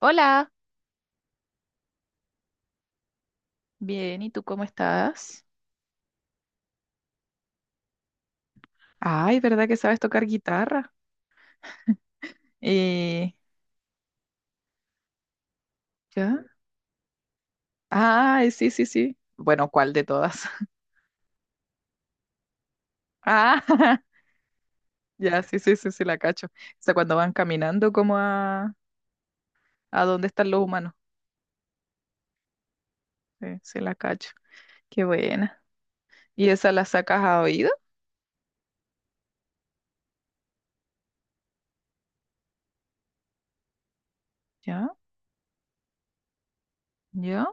Hola, bien, ¿y tú cómo estás? Ay, ¿verdad que sabes tocar guitarra? Eh, ¿Ya? Ay, sí, sí, sí. Bueno, ¿cuál de todas? Ah, ya, sí, sí, sí, sí, la cacho. O sea, cuando van caminando como a dónde están los humanos. Sí, sí, la cacho. Qué buena. ¿Y esa la sacas a oído? ¿Ya? ¿Ya?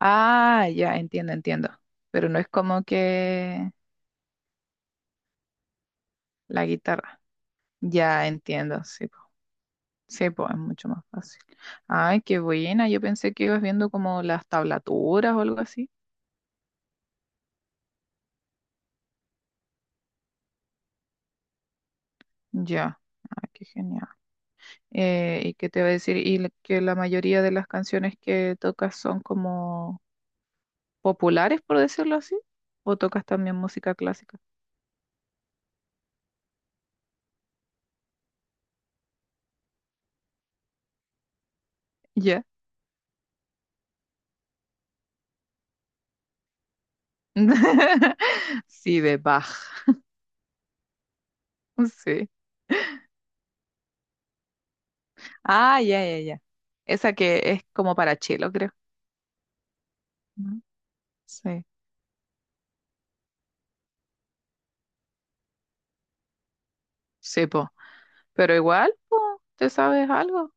Ah, ya, entiendo, entiendo. Pero no es como que la guitarra. Ya, entiendo, sí. Sí, pues es mucho más fácil. Ay, qué buena. Yo pensé que ibas viendo como las tablaturas o algo así. Ya. Ay, qué genial. ¿Y qué te iba a decir? Y que la mayoría de las canciones que tocas son como populares, por decirlo así. ¿O tocas también música clásica? Ya. Sí, de Bach. Sí. Ah, ya, ya, ya. Esa que es como para chelo, creo. ¿No? Sí. Sí, po. Pero igual, po, ¿te sabes algo?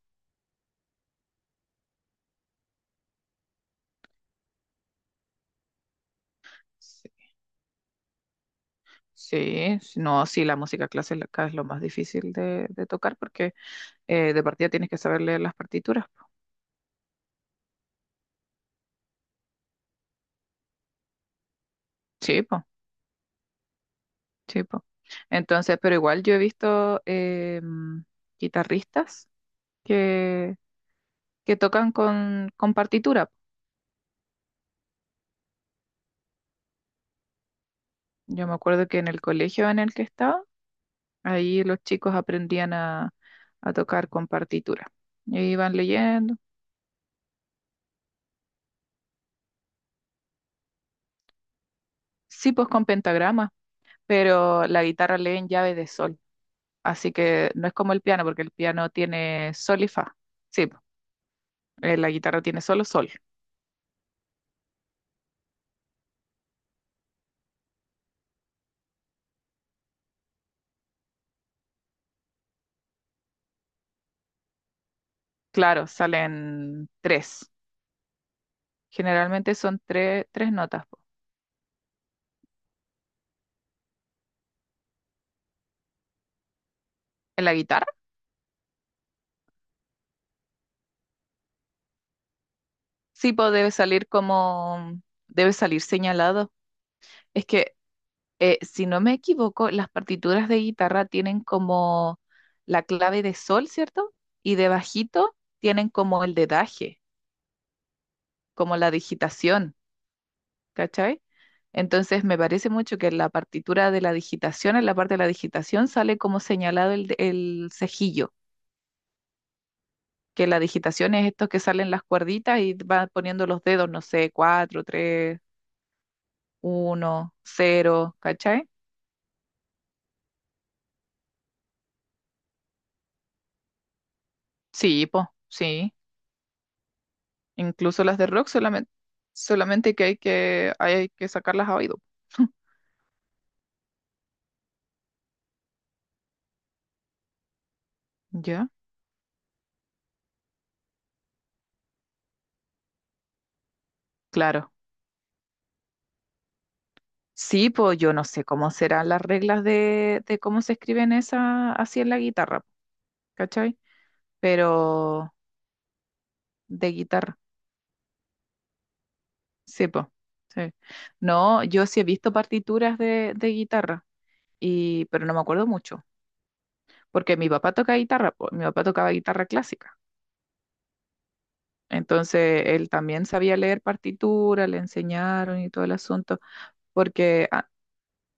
Sí. Sí, sí, no, sí, la música clásica es lo más difícil de tocar porque de partida tienes que saber leer las partituras. Sí, po, sí, po. Entonces, pero igual yo he visto guitarristas que, que tocan con partitura. Yo me acuerdo que en el colegio en el que estaba, ahí los chicos aprendían a tocar con partitura. Y iban leyendo. Sí, pues con pentagrama, pero la guitarra lee en llave de sol. Así que no es como el piano, porque el piano tiene sol y fa. Sí, po, la guitarra tiene solo sol. Claro, salen tres. Generalmente son tres, tres notas, po. ¿En la guitarra? Sí, pues debe salir señalado. Es que, si no me equivoco, las partituras de guitarra tienen como la clave de sol, ¿cierto? Y de bajito tienen como el dedaje, como la digitación. ¿Cachai? Entonces me parece mucho que en la partitura de la digitación, en la parte de la digitación, sale como señalado el cejillo, que la digitación es estos que salen las cuerditas y van poniendo los dedos, no sé, cuatro, tres, uno, cero, ¿cachai? Sí, po, sí. Incluso las de rock solamente, solamente que hay que sacarlas a oído. ¿Ya? Claro. Sí, pues yo no sé cómo serán las reglas de cómo se escriben esas así en la guitarra, ¿cachai? Pero de guitarra, sí, po, sí. No, yo sí he visto partituras de guitarra, pero no me acuerdo mucho, porque mi papá toca guitarra, po, mi papá tocaba guitarra clásica, entonces él también sabía leer partitura, le enseñaron y todo el asunto, porque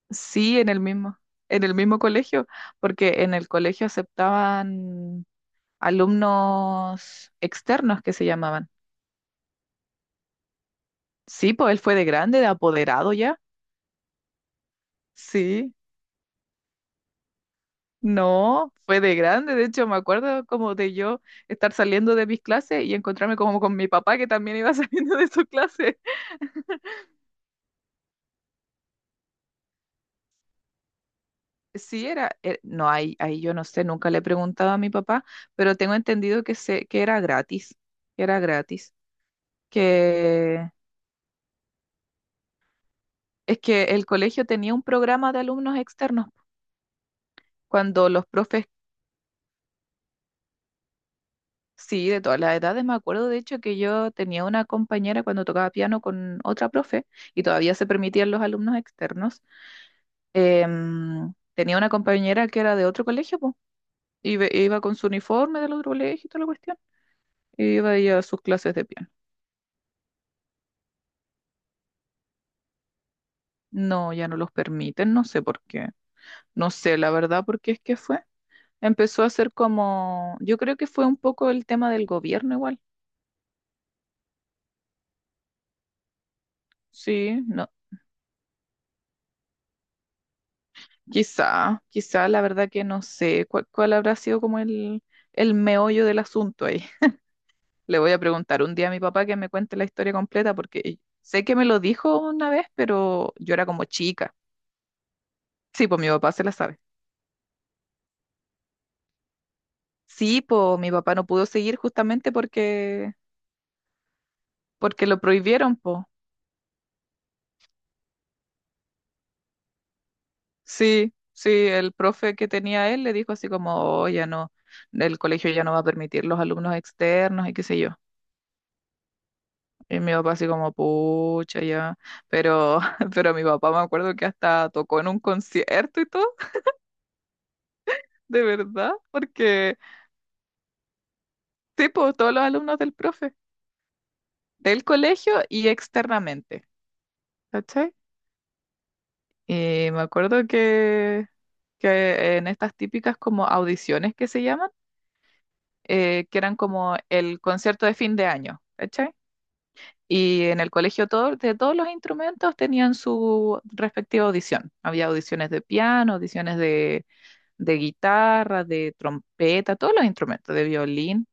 sí, en el mismo colegio, porque en el colegio aceptaban alumnos externos que se llamaban. Sí, pues él fue de grande, de apoderado ya. Sí, no, fue de grande, de hecho me acuerdo como de yo estar saliendo de mis clases y encontrarme como con mi papá que también iba saliendo de su clase. Sí, no, ahí yo no sé, nunca le he preguntado a mi papá, pero tengo entendido que, que era gratis, que era gratis, que es que el colegio tenía un programa de alumnos externos cuando los profes, sí, de todas las edades, me acuerdo de hecho que yo tenía una compañera cuando tocaba piano con otra profe y todavía se permitían los alumnos externos tenía una compañera que era de otro colegio, po, y iba con su uniforme del otro colegio y toda la cuestión, y iba ella a sus clases de piano. No, ya no los permiten, no sé por qué, no sé la verdad por qué es que fue. Empezó a ser como, yo creo que fue un poco el tema del gobierno igual, sí, no, quizá, quizá la verdad que no sé cuál, cuál habrá sido como el meollo del asunto ahí. Le voy a preguntar un día a mi papá que me cuente la historia completa porque sé que me lo dijo una vez, pero yo era como chica. Sí, pues mi papá se la sabe. Sí, pues mi papá no pudo seguir justamente porque lo prohibieron, pues. Sí, sí, el profe que tenía él le dijo así como, "Oh, ya no, el colegio ya no va a permitir los alumnos externos y qué sé yo." Y mi papá así como, "Pucha, ya." Pero pero mi papá me acuerdo que hasta tocó en un concierto y todo. De verdad. Porque Sí, pues todos los alumnos del profe, del colegio y externamente, ¿cachai? Y me acuerdo que en estas típicas como audiciones que se llaman, que eran como el concierto de fin de año, ¿cachai? Y en el colegio todo, de todos los instrumentos tenían su respectiva audición. Había audiciones de piano, audiciones de guitarra, de trompeta, todos los instrumentos, de violín.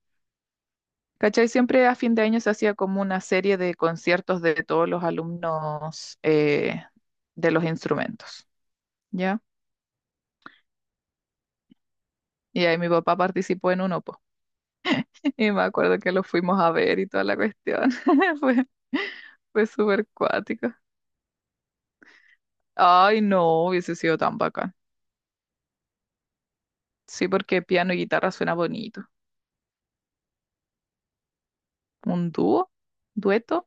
¿Cachai? Siempre a fin de año se hacía como una serie de conciertos de todos los alumnos de los instrumentos, ¿ya? Y ahí mi papá participó en uno, po. Y me acuerdo que lo fuimos a ver y toda la cuestión. Fue, fue súper cuático. Ay, no, hubiese sido tan bacán. Sí, porque piano y guitarra suena bonito. ¿Un dúo? ¿Dueto?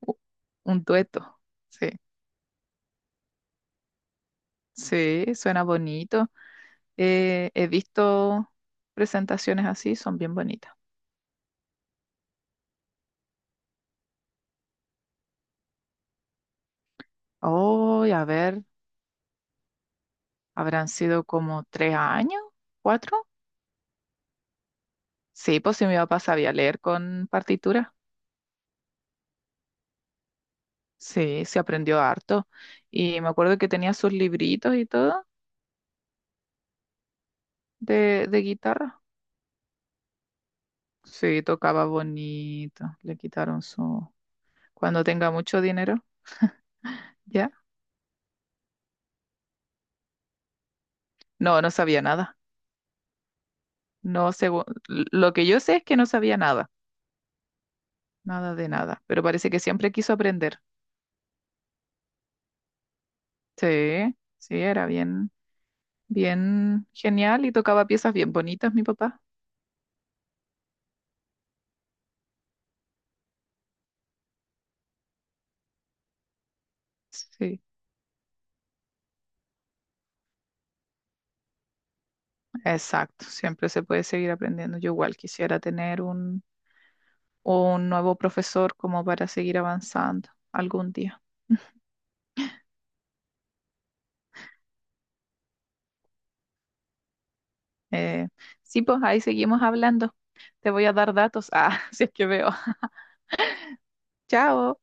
U- Un dueto. Sí, sí, suena bonito. He visto presentaciones así, son bien bonitas. Oh, a ver, habrán sido como 3 años, cuatro. Sí, pues sí, mi papá sabía leer con partitura. Sí, se aprendió harto. Y me acuerdo que tenía sus libritos y todo de guitarra. Sí, tocaba bonito. Le quitaron su... Cuando tenga mucho dinero, ¿ya? No, no sabía nada. No sé, lo que yo sé es que no sabía nada, nada de nada, pero parece que siempre quiso aprender. Sí, sí, era bien. Bien genial y tocaba piezas bien bonitas, mi papá. Sí, exacto. Siempre se puede seguir aprendiendo. Yo igual quisiera tener un nuevo profesor como para seguir avanzando algún día. Eh, sí, pues ahí seguimos hablando. Te voy a dar datos. Ah, si es que veo. Chao.